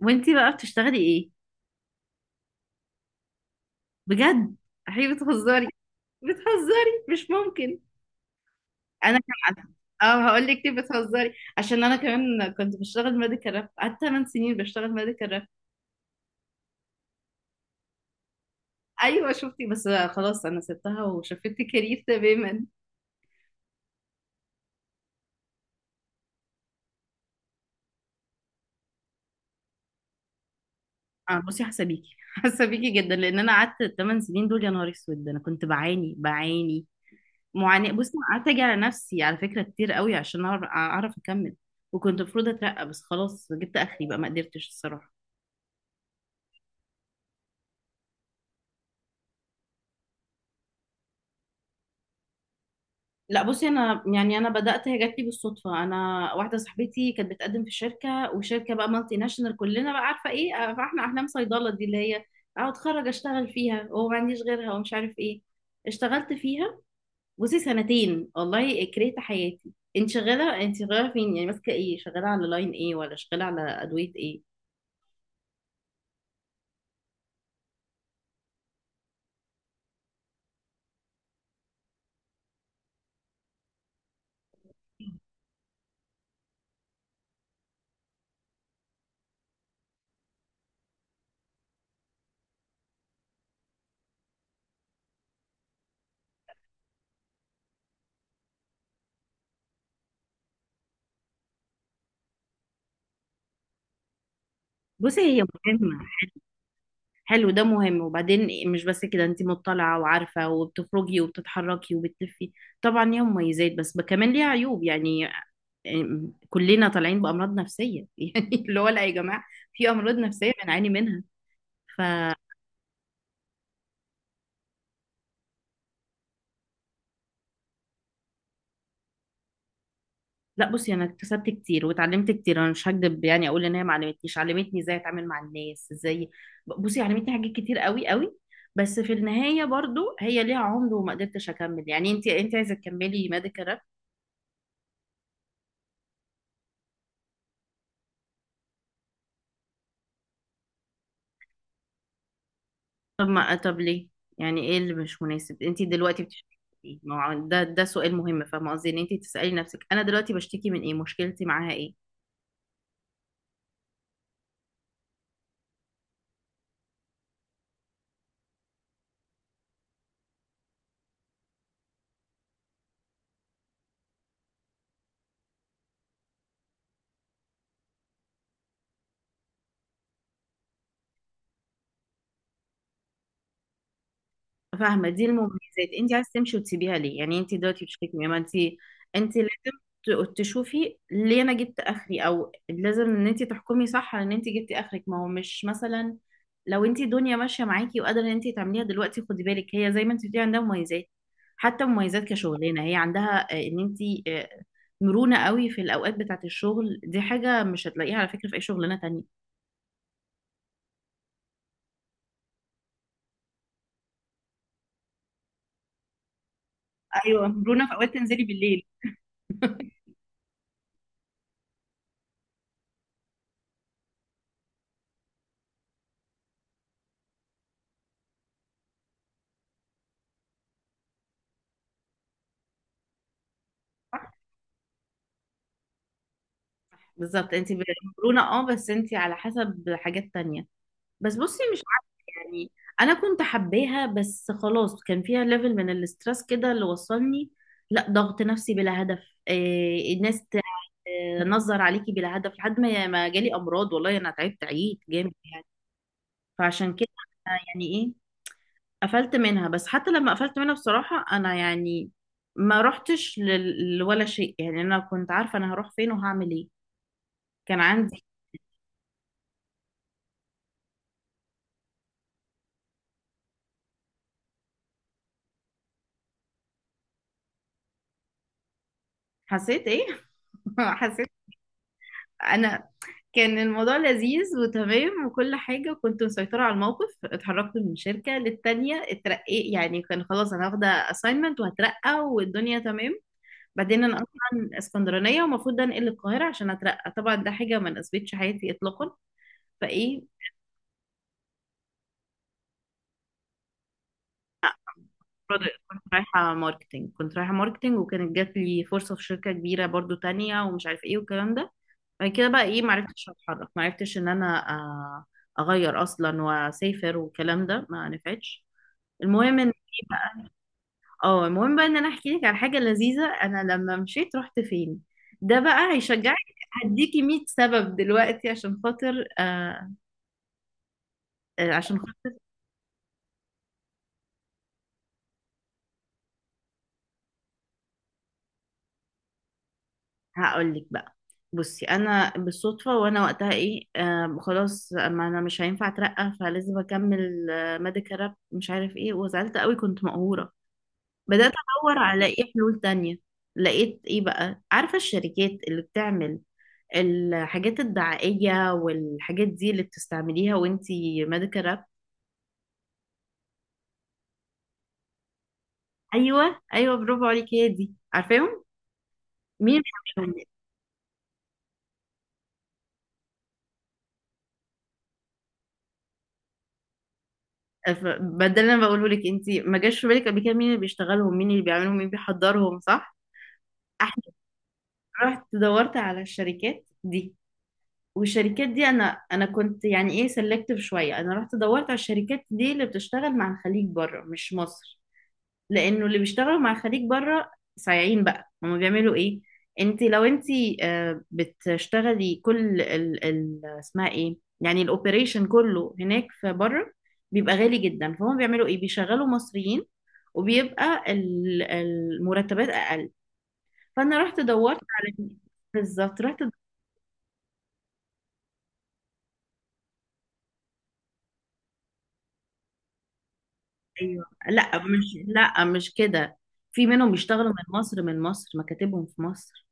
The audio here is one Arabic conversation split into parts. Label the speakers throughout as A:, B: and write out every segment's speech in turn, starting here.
A: وانتي بقى بتشتغلي ايه؟ بجد؟ احي، بتهزري! بتهزري، مش ممكن. انا كمان. اه، هقول لك ليه بتهزري. عشان انا كمان كنت بشتغل ميديكال راب، قعدت 8 سنين بشتغل ميديكال راب. ايوه شفتي؟ بس خلاص، انا سبتها وشفت كارير تماما. اه بصي، حسابيكي حسابيكي جدا. لان انا قعدت 8 سنين دول يا نهار اسود، انا كنت بعاني بعاني معاناه. بصي أنا قعدت اجي على نفسي على فكره كتير قوي عشان أعرف اكمل. وكنت المفروض اترقى، بس خلاص جبت اخري بقى، ما قدرتش الصراحه. لا بصي، انا يعني انا بدات، هي جات لي بالصدفه. انا واحده صاحبتي كانت بتقدم في شركه، وشركه بقى مالتي ناشونال كلنا بقى عارفه ايه، فاحنا احلام صيدله دي اللي هي اقعد اتخرج اشتغل فيها، وما عنديش غيرها ومش عارف ايه. اشتغلت فيها بصي سنتين، والله كرهت حياتي. انت شغاله فين يعني؟ ماسكه ايه؟ شغاله على لاين ايه؟ ولا شغاله على ادويه ايه؟ بصي هي مهمه. حلو، ده مهم. وبعدين مش بس كده، انت مطلعة وعارفة وبتخرجي وبتتحركي وبتلفي. طبعا ليها مميزات، بس كمان ليها عيوب يعني. كلنا طالعين بأمراض نفسية يعني. اللي هو لا يا جماعة، في أمراض نفسية بنعاني منها. ف لا بصي، انا اكتسبت كتير واتعلمت كتير. انا مش هكدب يعني اقول ان هي ما علمتنيش، علمتني ازاي اتعامل مع الناس ازاي. بصي علمتني حاجات كتير قوي قوي. بس في النهاية برضو هي ليها عمر، وما قدرتش اكمل. يعني انت عايزة تكملي ميديكال؟ طب ما طب ليه؟ يعني ايه اللي مش مناسب؟ انت دلوقتي بتشتكي من ايه؟ ما هو ده سؤال مهم، فاهمه قصدي؟ ان انت تسالي نفسك، انا دلوقتي بشتكي من ايه؟ مشكلتي معاها ايه؟ فاهمة؟ دي المميزات، انت عايزة تمشي وتسيبيها ليه؟ يعني انت دلوقتي بتشتكي، ما انت انت لازم تشوفي ليه انا جبت اخري، او لازم ان انت تحكمي صح على ان انت جبتي اخرك. ما هو مش مثلا لو انت الدنيا ماشية معاكي وقادرة ان انت تعمليها دلوقتي، خدي بالك هي زي ما انت بتقولي عندها مميزات. حتى مميزات كشغلانة هي عندها، ان انت، آه، مرونة قوي في الاوقات بتاعة الشغل. دي حاجة مش هتلاقيها على فكرة في اي شغلانة تانية. ايوه، مرونة في اوقات، تنزلي بالليل. بالظبط. انت مقرونه بس انت على حسب حاجات تانية. بس بصي مش عارفه، يعني انا كنت حباها، بس خلاص كان فيها ليفل من الاسترس كده اللي وصلني. لا ضغط نفسي بلا هدف. إيه الناس تنظر عليكي بلا هدف، لحد ما جالي امراض. والله انا تعبت عيد جامد يعني. فعشان كده أنا يعني ايه، قفلت منها. بس حتى لما قفلت منها بصراحه انا يعني ما رحتش لولا شيء، يعني انا كنت عارفه انا هروح فين وهعمل ايه، كان عندي. حسيت ايه؟ حسيت انا، كان الموضوع لذيذ وتمام وكل حاجة، وكنت مسيطرة على الموقف. اتحركت من شركة للتانية، اترقيت يعني، كان خلاص انا واخدة assignment وهترقى والدنيا تمام. بعدين انا اصلا اسكندرانية ومفروض انقل القاهرة عشان اترقى، طبعا ده حاجة ما ناسبتش حياتي اطلاقا. فايه product. كنت رايحة ماركتينج، وكانت جات لي فرصة في شركة كبيرة برضو تانية، ومش عارف ايه والكلام ده. بعد كده بقى ايه، معرفتش اتحرك، معرفتش ان انا اغير اصلا واسافر والكلام ده، ما نفعتش. المهم ان إيه بقى، اه المهم بقى ان انا احكي لك على حاجه لذيذه، انا لما مشيت رحت فين. ده بقى هيشجعك. هديكي 100 سبب دلوقتي عشان خاطر عشان خاطر. هقول لك بقى. بصي انا بالصدفه، وانا وقتها ايه خلاص، ما انا مش هينفع اترقى، فلازم اكمل ميديكال راب مش عارف ايه، وزعلت قوي، كنت مقهوره. بدأت أدور على إيه حلول تانية. لقيت إيه بقى، عارفة الشركات اللي بتعمل الحاجات الدعائية والحاجات دي اللي بتستعمليها وانتي ميديكال راب؟ أيوة أيوة، برافو عليكي، هي دي. عارفاهم مين بيعملهم؟ ف- بدل ما بقوله لك، انتي ما جاش في بالك قبل كده مين اللي بيشتغلهم، مين اللي بيعملهم، مين بيحضرهم؟ صح؟ احنا رحت دورت على الشركات دي. والشركات دي انا كنت يعني ايه سلكتيف شويه. انا رحت دورت على الشركات دي اللي بتشتغل مع الخليج بره مش مصر، لانه اللي بيشتغلوا مع خريج بره صايعين بقى. هما بيعملوا ايه؟ انت لو انت، بتشتغلي كل ال اسمها ايه يعني، الاوبريشن كله هناك في بره، بيبقى غالي جدا. فهم بيعملوا ايه، بيشغلوا مصريين، وبيبقى المرتبات اقل. فانا رحت دورت على، بالظبط. رحت ايوه. لا مش كده. في منهم بيشتغلوا من مصر. من مصر مكاتبهم في مصر.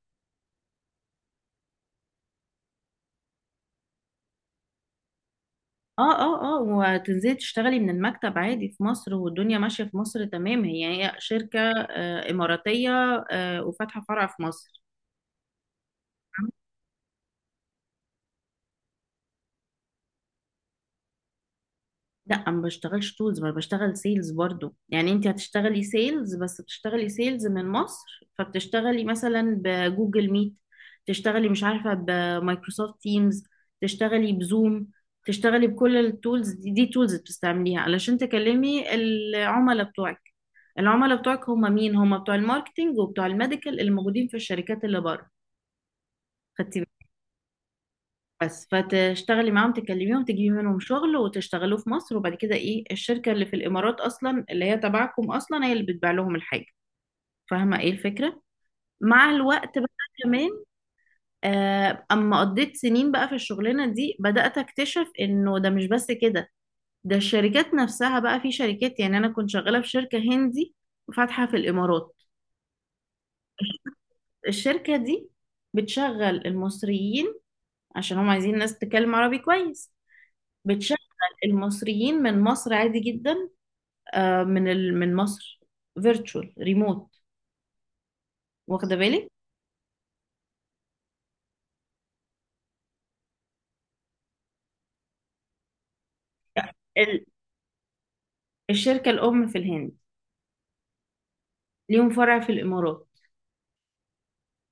A: اه اه اه، وتنزلي تشتغلي من المكتب عادي في مصر والدنيا ماشية في مصر تمام. هي شركة إماراتية وفاتحة فرع في مصر. لا ما بشتغلش تولز، ما بشتغل سيلز برضو. يعني انت هتشتغلي سيلز، بس بتشتغلي سيلز من مصر. فبتشتغلي مثلا بجوجل ميت، تشتغلي مش عارفة بمايكروسوفت تيمز، تشتغلي بزوم، تشتغلي بكل التولز دي, دي تولز بتستعمليها علشان تكلمي العملاء بتوعك. العملاء بتوعك هم مين؟ هم بتوع الماركتينج وبتوع الميديكال اللي موجودين في الشركات اللي بره. خدتي بالك؟ بس فتشتغلي معاهم، تكلميهم، تجيبي منهم شغل، وتشتغلوه في مصر. وبعد كده ايه، الشركة اللي في الامارات اصلا اللي هي تبعكم اصلا، هي اللي بتبيع لهم الحاجة. فاهمة ايه الفكرة؟ مع الوقت بقى كمان، اما قضيت سنين بقى في الشغلانة دي، بدأت اكتشف انه ده مش بس كده. ده الشركات نفسها بقى، في شركات، يعني انا كنت شغالة في شركة هندي فاتحة في الامارات. الشركة دي بتشغل المصريين، عشان هم عايزين ناس تتكلم عربي كويس. بتشغل المصريين من مصر عادي جدا، من من مصر، فيرتشوال ريموت. واخدة بالك؟ ال... الشركة الأم في الهند، ليهم فرع في الإمارات،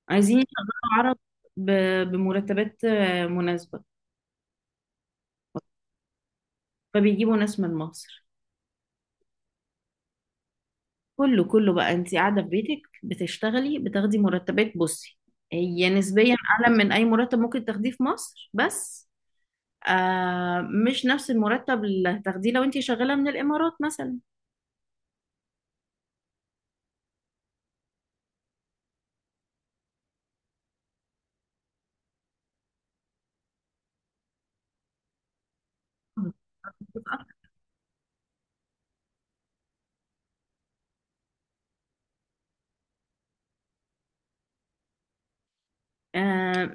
A: عايزين يشغلوا عرب ب... بمرتبات مناسبة. فبيجيبوا ناس من مصر. كله كله بقى، انت قاعدة في بيتك بتشتغلي، بتاخدي مرتبات. بصي هي نسبيا أعلى من أي مرتب ممكن تاخديه في مصر، بس مش نفس المرتب اللي هتاخديه لو انت شغاله من الامارات مثلا. آه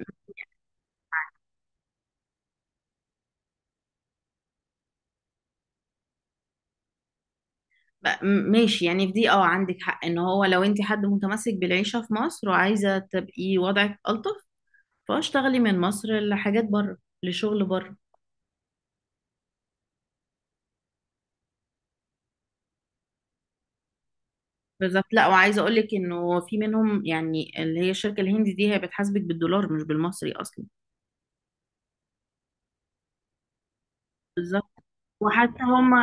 A: ماشي. يعني في دي عندك حق. ان هو لو انت حد متمسك بالعيشه في مصر، وعايزه تبقي وضعك الطف، فاشتغلي من مصر لحاجات بره، لشغل بره. بالظبط. لا، وعايزه اقول لك انه في منهم، يعني اللي هي الشركه الهندي دي، هي بتحاسبك بالدولار مش بالمصري اصلا. بالظبط. وحتى هم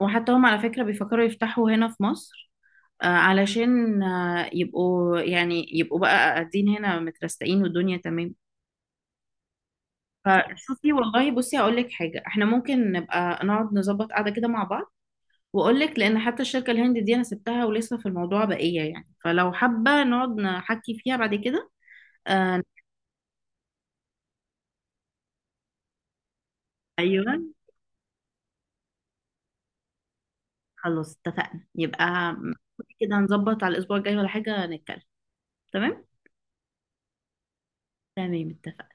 A: وحتى هم على فكره بيفكروا يفتحوا هنا في مصر، علشان يبقوا بقى قاعدين هنا مترستقين والدنيا تمام. فشوفي والله، بصي هقول لك حاجه، احنا ممكن نبقى نقعد نظبط قعده كده مع بعض، واقول لك. لان حتى الشركه الهند دي انا سبتها، ولسه في الموضوع بقيه يعني، فلو حابه نقعد نحكي فيها بعد كده. آه ايوه. خلاص، اتفقنا يبقى كده. هنظبط على الاسبوع الجاي ولا حاجه نتكلم. تمام تمام.